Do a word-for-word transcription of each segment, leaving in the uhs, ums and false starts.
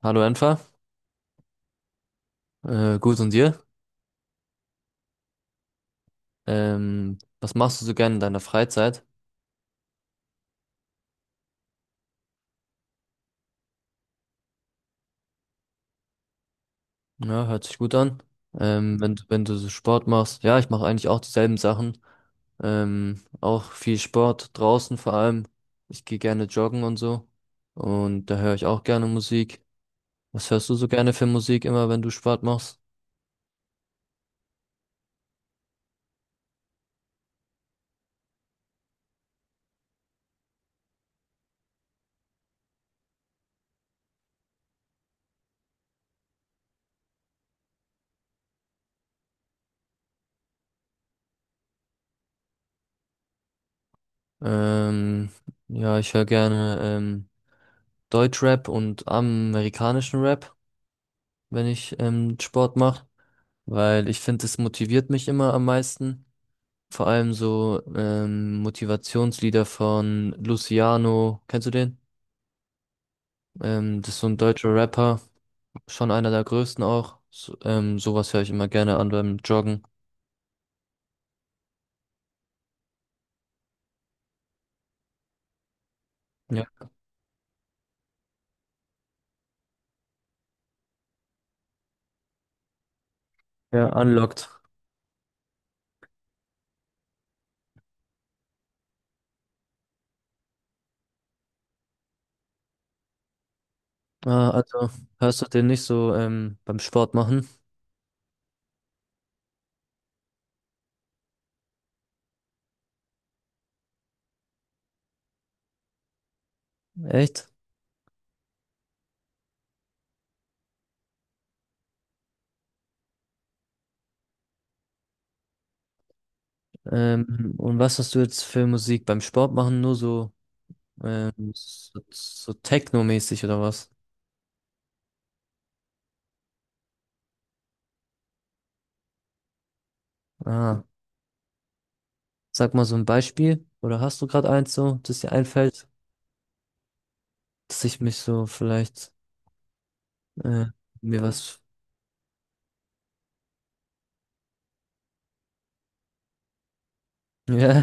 Hallo Enfer. Äh, gut und dir? Ähm, was machst du so gerne in deiner Freizeit? Ja, hört sich gut an. Ähm, wenn, wenn du so Sport machst, ja, ich mache eigentlich auch dieselben Sachen. Ähm, auch viel Sport draußen vor allem. Ich gehe gerne joggen und so. Und da höre ich auch gerne Musik. Was hörst du so gerne für Musik immer, wenn du Sport machst? Ähm, ja, ich höre gerne ähm, Deutschrap und amerikanischen Rap, wenn ich ähm, Sport mache, weil ich finde, es motiviert mich immer am meisten. Vor allem so ähm, Motivationslieder von Luciano, kennst du den? Ähm, das ist so ein deutscher Rapper, schon einer der größten auch. So, ähm, sowas höre ich immer gerne an beim Joggen. Ja, ja, Unlocked. Ah, also hörst du den nicht so ähm, beim Sport machen? Echt? Ähm, und was hast du jetzt für Musik beim Sport machen? Nur so, ähm, so, so Techno-mäßig oder was? Ah. Sag mal so ein Beispiel, oder hast du gerade eins so, das dir einfällt, dass ich mich so vielleicht äh, mir was, ja,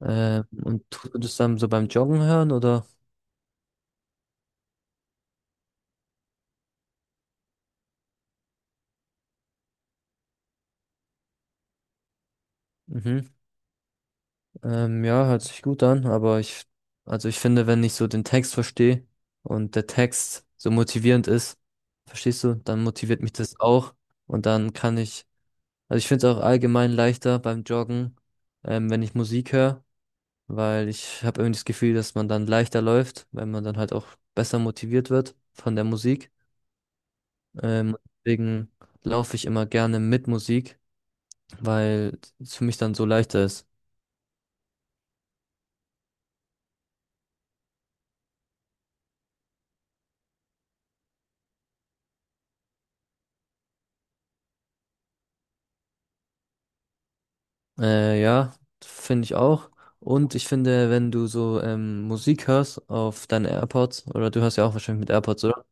äh, und tust du das dann so beim Joggen hören oder? Mhm. Ähm, ja, hört sich gut an, aber ich, also ich finde, wenn ich so den Text verstehe und der Text so motivierend ist, verstehst du, dann motiviert mich das auch und dann kann ich, also ich finde es auch allgemein leichter beim Joggen, ähm, wenn ich Musik höre, weil ich habe irgendwie das Gefühl, dass man dann leichter läuft, wenn man dann halt auch besser motiviert wird von der Musik. Ähm, Deswegen laufe ich immer gerne mit Musik, weil es für mich dann so leichter ist. Äh, ja, finde ich auch. Und ich finde, wenn du so ähm, Musik hörst auf deinen AirPods, oder du hörst ja auch wahrscheinlich mit AirPods, oder?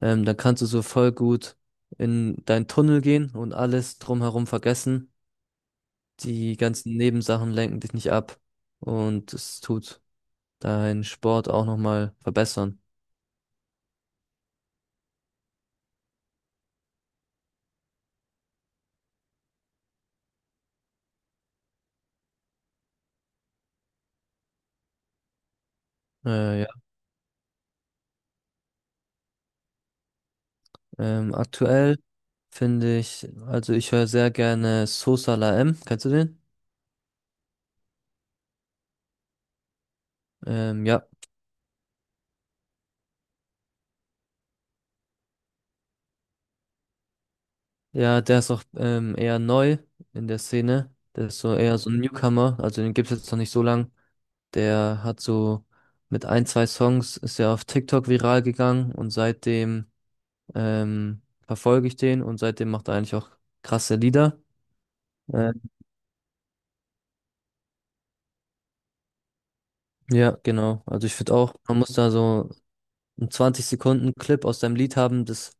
Ähm, dann kannst du so voll gut in deinen Tunnel gehen und alles drumherum vergessen. Die ganzen Nebensachen lenken dich nicht ab und es tut deinen Sport auch nochmal verbessern. Äh, ja. Ähm, aktuell finde ich, also ich höre sehr gerne Sosa La M. Kennst du den? Ähm, ja. Ja, der ist auch ähm, eher neu in der Szene. Der ist so eher so ein Newcomer. Also den gibt's jetzt noch nicht so lang. Der hat so mit ein, zwei Songs ist er auf TikTok viral gegangen und seitdem ähm, verfolge ich den und seitdem macht er eigentlich auch krasse Lieder. Ähm, ja, genau. Also ich finde auch, man muss da so einen zwanzig Sekunden Clip aus deinem Lied haben, das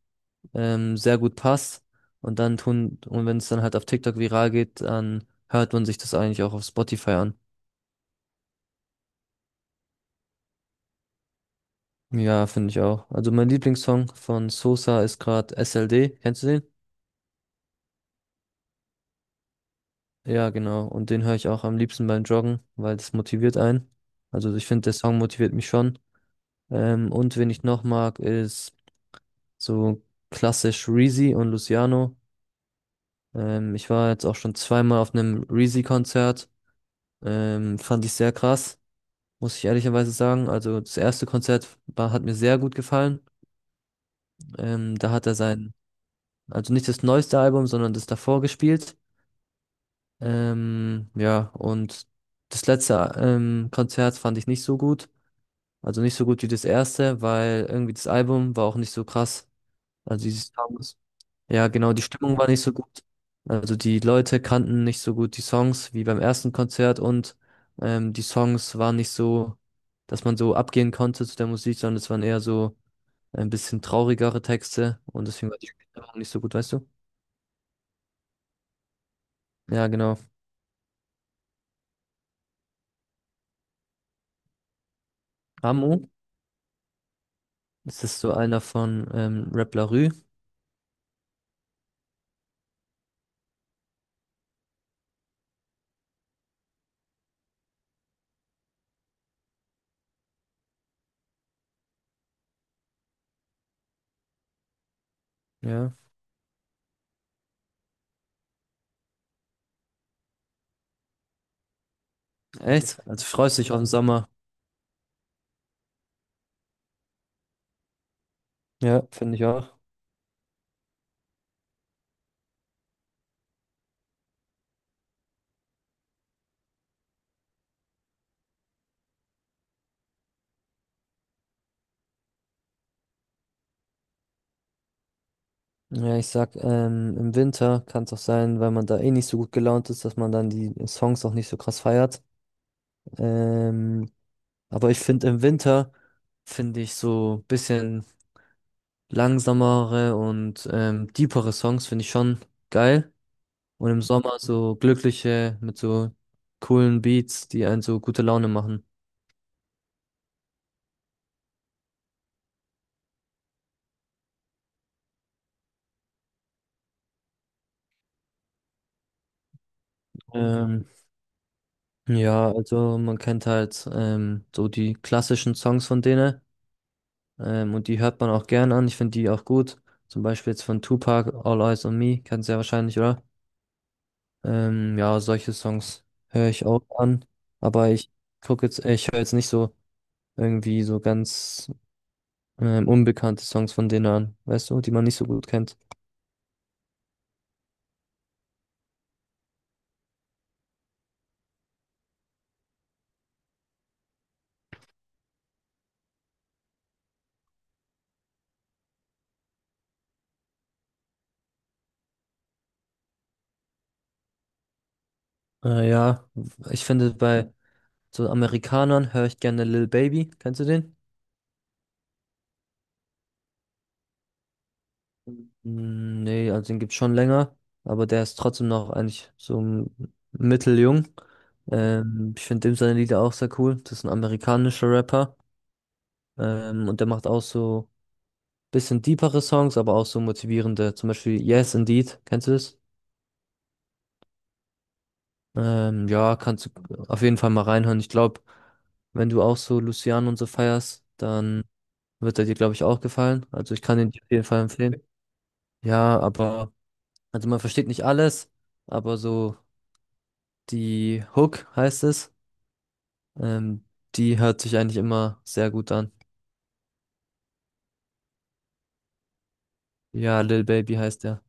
ähm, sehr gut passt. Und dann tun, und wenn es dann halt auf TikTok viral geht, dann hört man sich das eigentlich auch auf Spotify an. Ja, finde ich auch. Also mein Lieblingssong von Sosa ist gerade S L D. Kennst du den? Ja, genau. Und den höre ich auch am liebsten beim Joggen, weil das motiviert einen. Also ich finde, der Song motiviert mich schon. Ähm, und wen ich noch mag, ist so klassisch Reezy und Luciano. Ähm, ich war jetzt auch schon zweimal auf einem Reezy-Konzert. Ähm, fand ich sehr krass, muss ich ehrlicherweise sagen. Also das erste Konzert war, hat mir sehr gut gefallen. Ähm, da hat er sein, Also nicht das neueste Album, sondern das davor gespielt. Ähm, ja, und das letzte ähm, Konzert fand ich nicht so gut. Also nicht so gut wie das erste, weil irgendwie das Album war auch nicht so krass. Also dieses Ja, genau, die Stimmung war nicht so gut. Also die Leute kannten nicht so gut die Songs wie beim ersten Konzert und ähm, die Songs waren nicht so, dass man so abgehen konnte zu der Musik, sondern es waren eher so ein bisschen traurigere Texte und deswegen war die Stimmung nicht so gut, weißt du? Ja, genau. Amu, das ist so einer von ähm, Rap La Rue. Ja. Echt? Also freust dich auf den Sommer. Ja, finde ich auch. Ja, ich sag, ähm, im Winter kann es auch sein, weil man da eh nicht so gut gelaunt ist, dass man dann die Songs auch nicht so krass feiert. Ähm, aber ich finde im Winter finde ich so ein bisschen langsamere und ähm, deepere Songs finde ich schon geil. Und im Sommer so glückliche mit so coolen Beats, die einen so gute Laune machen. Ähm, ja, also man kennt halt ähm, so die klassischen Songs von denen, ähm, und die hört man auch gern an. Ich finde die auch gut. Zum Beispiel jetzt von Tupac, All Eyes on Me, kennst du ja wahrscheinlich, oder? Ähm, ja, solche Songs höre ich auch an, aber ich gucke jetzt, ich höre jetzt nicht so irgendwie so ganz ähm, unbekannte Songs von denen an, weißt du, die man nicht so gut kennt. Äh, ja, ich finde bei so Amerikanern höre ich gerne Lil Baby, kennst du den? Mm, nee, also den gibt's schon länger, aber der ist trotzdem noch eigentlich so m- mitteljung. Ähm, ich finde dem seine Lieder auch sehr cool. Das ist ein amerikanischer Rapper. Ähm, und der macht auch so bisschen deepere Songs, aber auch so motivierende. Zum Beispiel Yes Indeed, kennst du das? Ähm, ja, kannst du auf jeden Fall mal reinhören. Ich glaube, wenn du auch so Luciano und so feierst, dann wird er dir, glaube ich, auch gefallen. Also ich kann ihn dir auf jeden Fall empfehlen. Ja, aber, also man versteht nicht alles, aber so die Hook heißt es, ähm, die hört sich eigentlich immer sehr gut an. Ja, Lil Baby heißt er.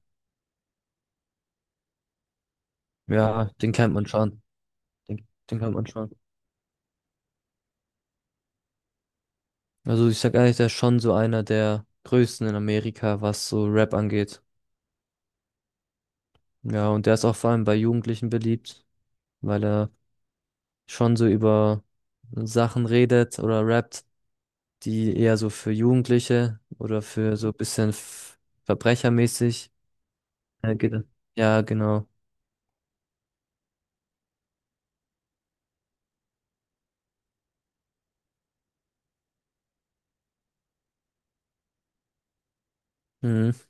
Ja, den kennt man schon. Den, den kennt man schon. Also ich sag ehrlich, der ist schon so einer der größten in Amerika, was so Rap angeht. Ja, und der ist auch vor allem bei Jugendlichen beliebt, weil er schon so über Sachen redet oder rappt, die eher so für Jugendliche oder für so ein bisschen f- verbrechermäßig äh, geht. Ja, genau. Mhm.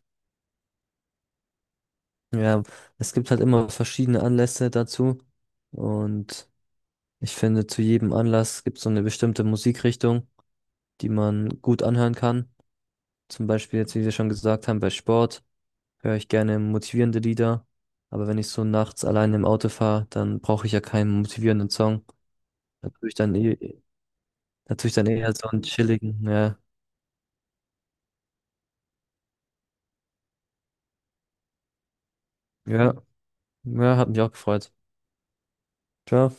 Ja, es gibt halt immer verschiedene Anlässe dazu. Und ich finde, zu jedem Anlass gibt es so eine bestimmte Musikrichtung, die man gut anhören kann. Zum Beispiel jetzt, wie wir schon gesagt haben, bei Sport höre ich gerne motivierende Lieder. Aber wenn ich so nachts allein im Auto fahre, dann brauche ich ja keinen motivierenden Song. Natürlich dann eh, natürlich dann eher so einen chilligen. Ja, ja, ja, hat mich auch gefreut. Ciao.